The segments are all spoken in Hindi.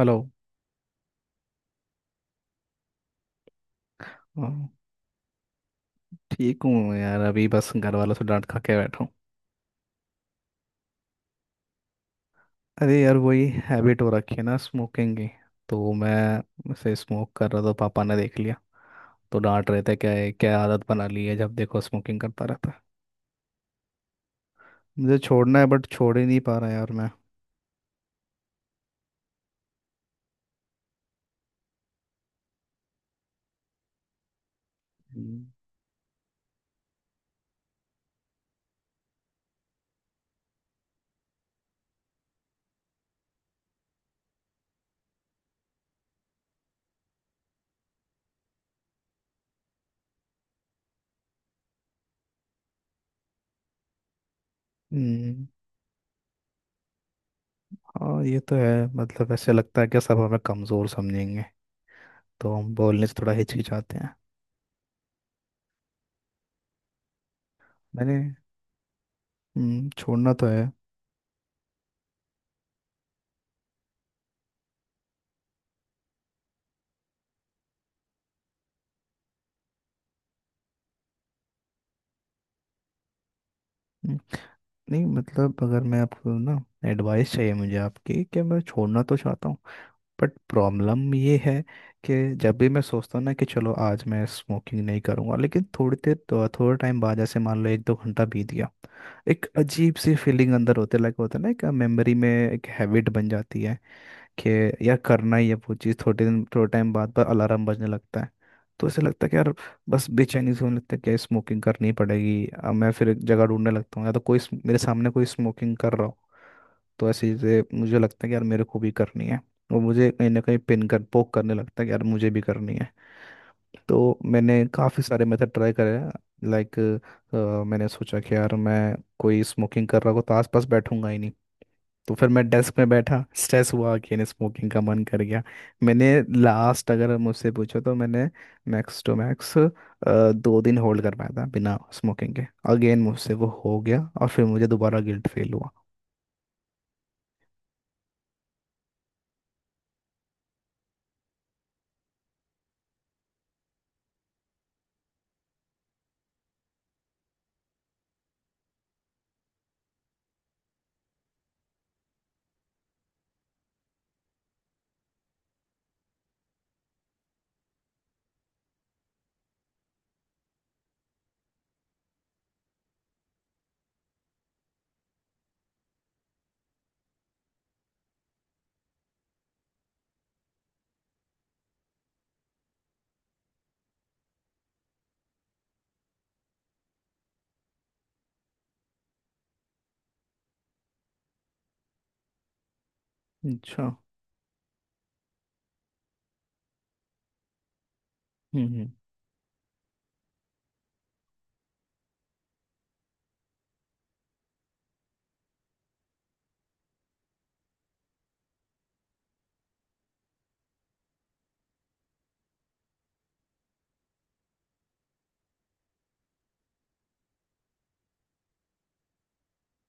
हेलो। हाँ, ठीक हूँ यार। अभी बस घर वालों से डांट खा के बैठा हूँ। अरे यार वही हैबिट हो रखी है ना, स्मोकिंग की। तो मैं उसे स्मोक कर रहा था, पापा ने देख लिया। तो डांट रहे थे, क्या है, क्या आदत बना ली है, जब देखो स्मोकिंग करता रहता है। मुझे छोड़ना है बट छोड़ ही नहीं पा रहा यार मैं। हम्म। हम्म, हाँ ये तो है। मतलब ऐसे लगता है कि सब हमें कमज़ोर समझेंगे, तो हम बोलने से थोड़ा हिचकिचाते हैं। मैंने छोड़ना तो है। नहीं मतलब, अगर मैं आपको ना, एडवाइस चाहिए मुझे आपकी कि मैं छोड़ना तो चाहता हूँ, बट प्रॉब्लम ये है कि जब भी मैं सोचता हूँ ना कि चलो आज मैं स्मोकिंग नहीं करूँगा, लेकिन थोड़ी देर तो थोड़ा टाइम बाद, जैसे मान लो एक दो घंटा बीत गया, एक अजीब सी फीलिंग अंदर होते लगे होता है ना, एक मेमोरी में एक हैबिट बन जाती है कि यार करना ही है वो चीज़। थोड़े दिन थोड़े टाइम बाद पर अलार्म बजने लगता है। तो ऐसे लगता है कि यार, बस बेचैनी से होने लगता है कि यार स्मोकिंग करनी पड़ेगी। अब मैं फिर एक जगह ढूंढने लगता हूँ, या तो कोई मेरे सामने कोई स्मोकिंग कर रहा हो, तो ऐसे जैसे मुझे लगता है कि यार मेरे को भी करनी है। और मुझे कहीं ना कहीं पिन कर पोक करने लगता है कि यार मुझे भी करनी है। तो मैंने काफ़ी सारे मेथड ट्राई करे। लाइक मैंने सोचा कि यार मैं, कोई स्मोकिंग कर रहा हो तो आसपास बैठूंगा ही नहीं। तो फिर मैं डेस्क में बैठा, स्ट्रेस हुआ, अगेन स्मोकिंग का मन कर गया। मैंने लास्ट अगर मुझसे पूछो तो मैंने मैक्स टू मैक्स दो दिन होल्ड कर पाया था बिना स्मोकिंग के। अगेन मुझसे वो हो गया और फिर मुझे दोबारा गिल्ट फील हुआ। अच्छा। हम्म,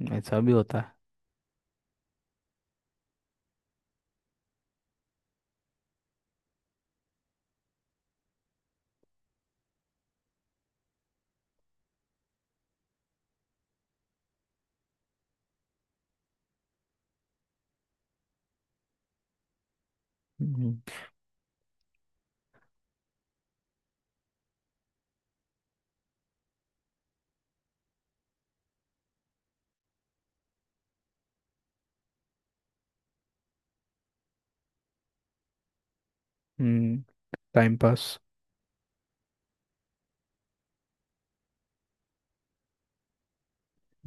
ऐसा भी होता है। हम्म, हम्म। Time pass.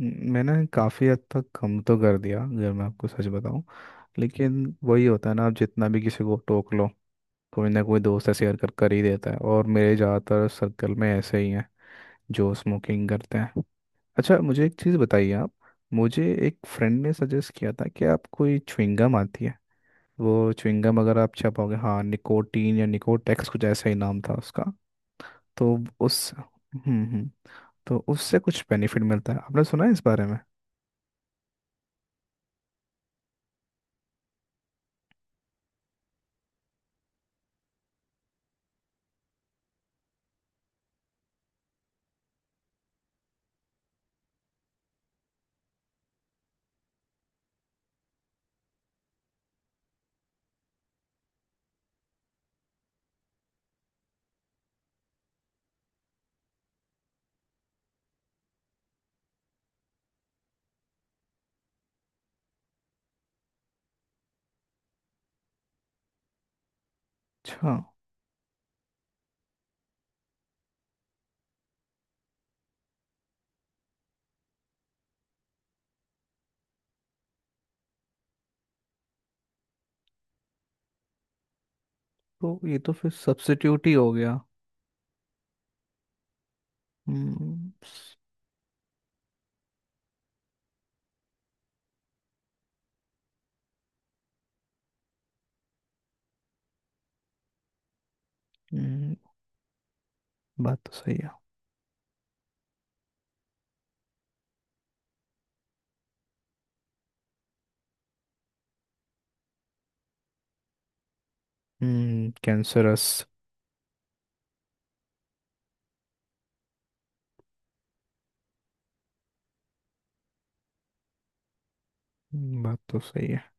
मैंने काफ़ी हद तक कम तो कर दिया अगर मैं आपको सच बताऊं। लेकिन वही होता है ना, आप जितना भी किसी को टोक लो, कोई ना कोई दोस्त ऐसे शेयर कर कर ही देता है। और मेरे ज़्यादातर सर्कल में ऐसे ही हैं जो स्मोकिंग करते हैं। अच्छा मुझे एक चीज़ बताइए आप, मुझे एक फ्रेंड ने सजेस्ट किया था कि आप, कोई च्युइंगम आती है, वो च्युइंगम अगर आप चबाओगे, हाँ निकोटीन या निकोटेक्स कुछ ऐसा ही नाम था उसका। तो उस हम्म, हम्म, तो उससे कुछ बेनिफिट मिलता है? आपने सुना है इस बारे में? अच्छा। तो ये तो फिर सब्स्टिट्यूट ही हो गया। हम्म। हम्म, बात तो सही है। हम्म, कैंसरस। बात तो सही है।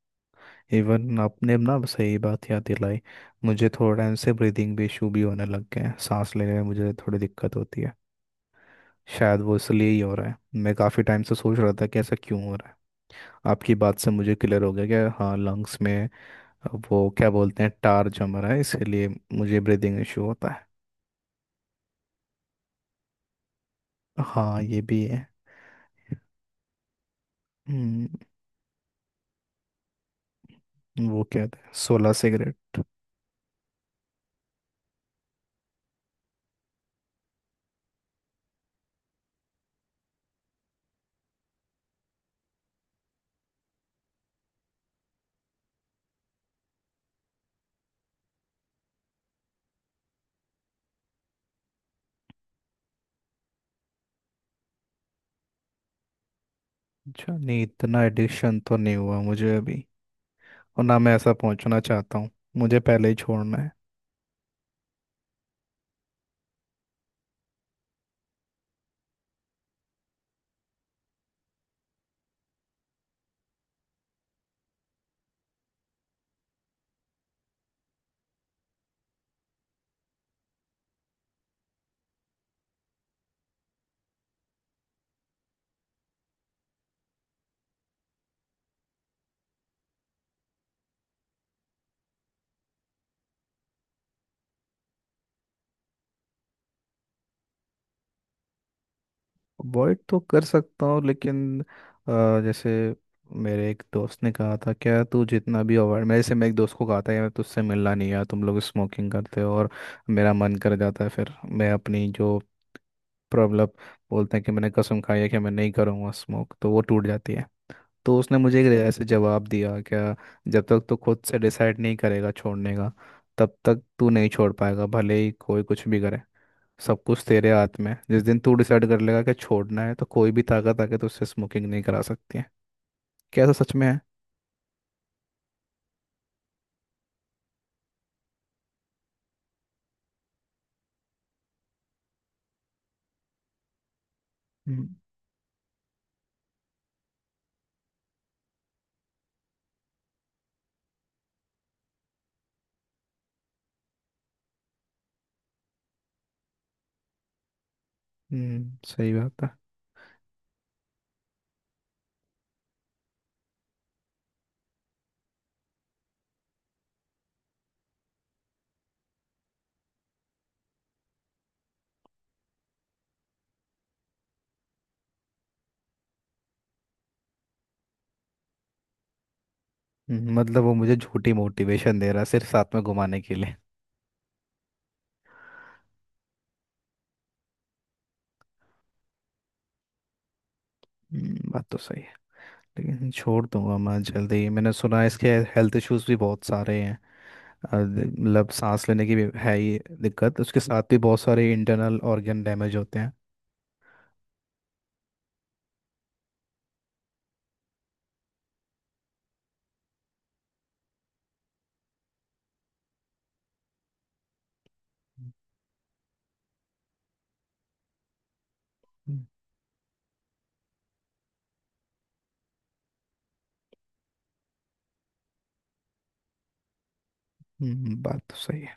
इवन आपने ना सही बात याद दिलाई। मुझे थोड़ा इनसे ब्रीदिंग भी इशू भी होने लग गए हैं, सांस लेने में मुझे थोड़ी दिक्कत होती है। शायद वो इसलिए ही हो रहा है। मैं काफ़ी टाइम से सोच रहा था कि ऐसा क्यों हो रहा है। आपकी बात से मुझे क्लियर हो गया कि हाँ, लंग्स में, वो क्या बोलते हैं, टार जम रहा है, इसलिए मुझे ब्रीदिंग इशू होता है। हाँ ये भी है। हम्म, वो क्या था, 16 सिगरेट। अच्छा नहीं, इतना एडिक्शन तो नहीं हुआ मुझे अभी। और ना मैं ऐसा पहुंचना चाहता हूँ। मुझे पहले ही छोड़ना है। अवॉइड तो कर सकता हूँ लेकिन जैसे, मेरे एक दोस्त ने कहा था, क्या तू जितना भी अवॉइड, मेरे से मैं एक दोस्त को कहा था यार तुझसे मिलना नहीं, यार तुम लोग स्मोकिंग करते हो और मेरा मन कर जाता है। फिर मैं अपनी जो प्रॉब्लम बोलते हैं कि मैंने कसम खाई है कि मैं नहीं करूँगा स्मोक, तो वो टूट जाती है। तो उसने मुझे एक ऐसे जवाब दिया क्या, जब तक तू खुद से डिसाइड नहीं करेगा छोड़ने का, तब तक तू नहीं छोड़ पाएगा भले ही कोई कुछ भी करे। सब कुछ तेरे हाथ में है। जिस दिन तू डिसाइड कर लेगा कि छोड़ना है, तो कोई भी ताकत आके तुझसे स्मोकिंग नहीं करा सकती है। क्या ऐसा सच में है? हम्म। सही बात है। मतलब वो मुझे झूठी मोटिवेशन दे रहा है सिर्फ साथ में घुमाने के लिए। बात तो सही है। लेकिन छोड़ दूंगा मैं जल्दी ही। मैंने सुना है इसके हेल्थ इश्यूज भी बहुत सारे हैं। मतलब सांस लेने की भी है ही दिक्कत, उसके साथ भी बहुत सारे इंटरनल ऑर्गन डैमेज होते हैं। हम्म, बात तो सही है।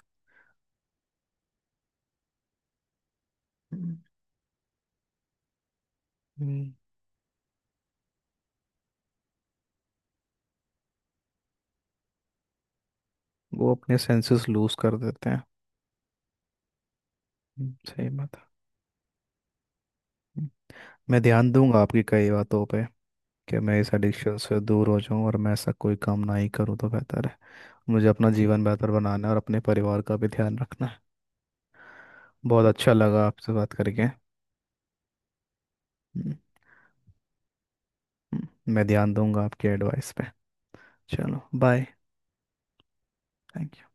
हम्म, हम्म, वो अपने सेंसेस लूज कर देते हैं। सही बात है। हम्म। मैं ध्यान दूंगा आपकी कई बातों पे कि मैं इस एडिक्शन से दूर हो जाऊं, और मैं ऐसा कोई काम ना ही करूं तो बेहतर है। मुझे अपना जीवन बेहतर बनाना है और अपने परिवार का भी ध्यान रखना है। बहुत अच्छा लगा आपसे बात करके। हम्म, हम्म, मैं ध्यान दूंगा आपकी एडवाइस पे। चलो बाय। Thank you.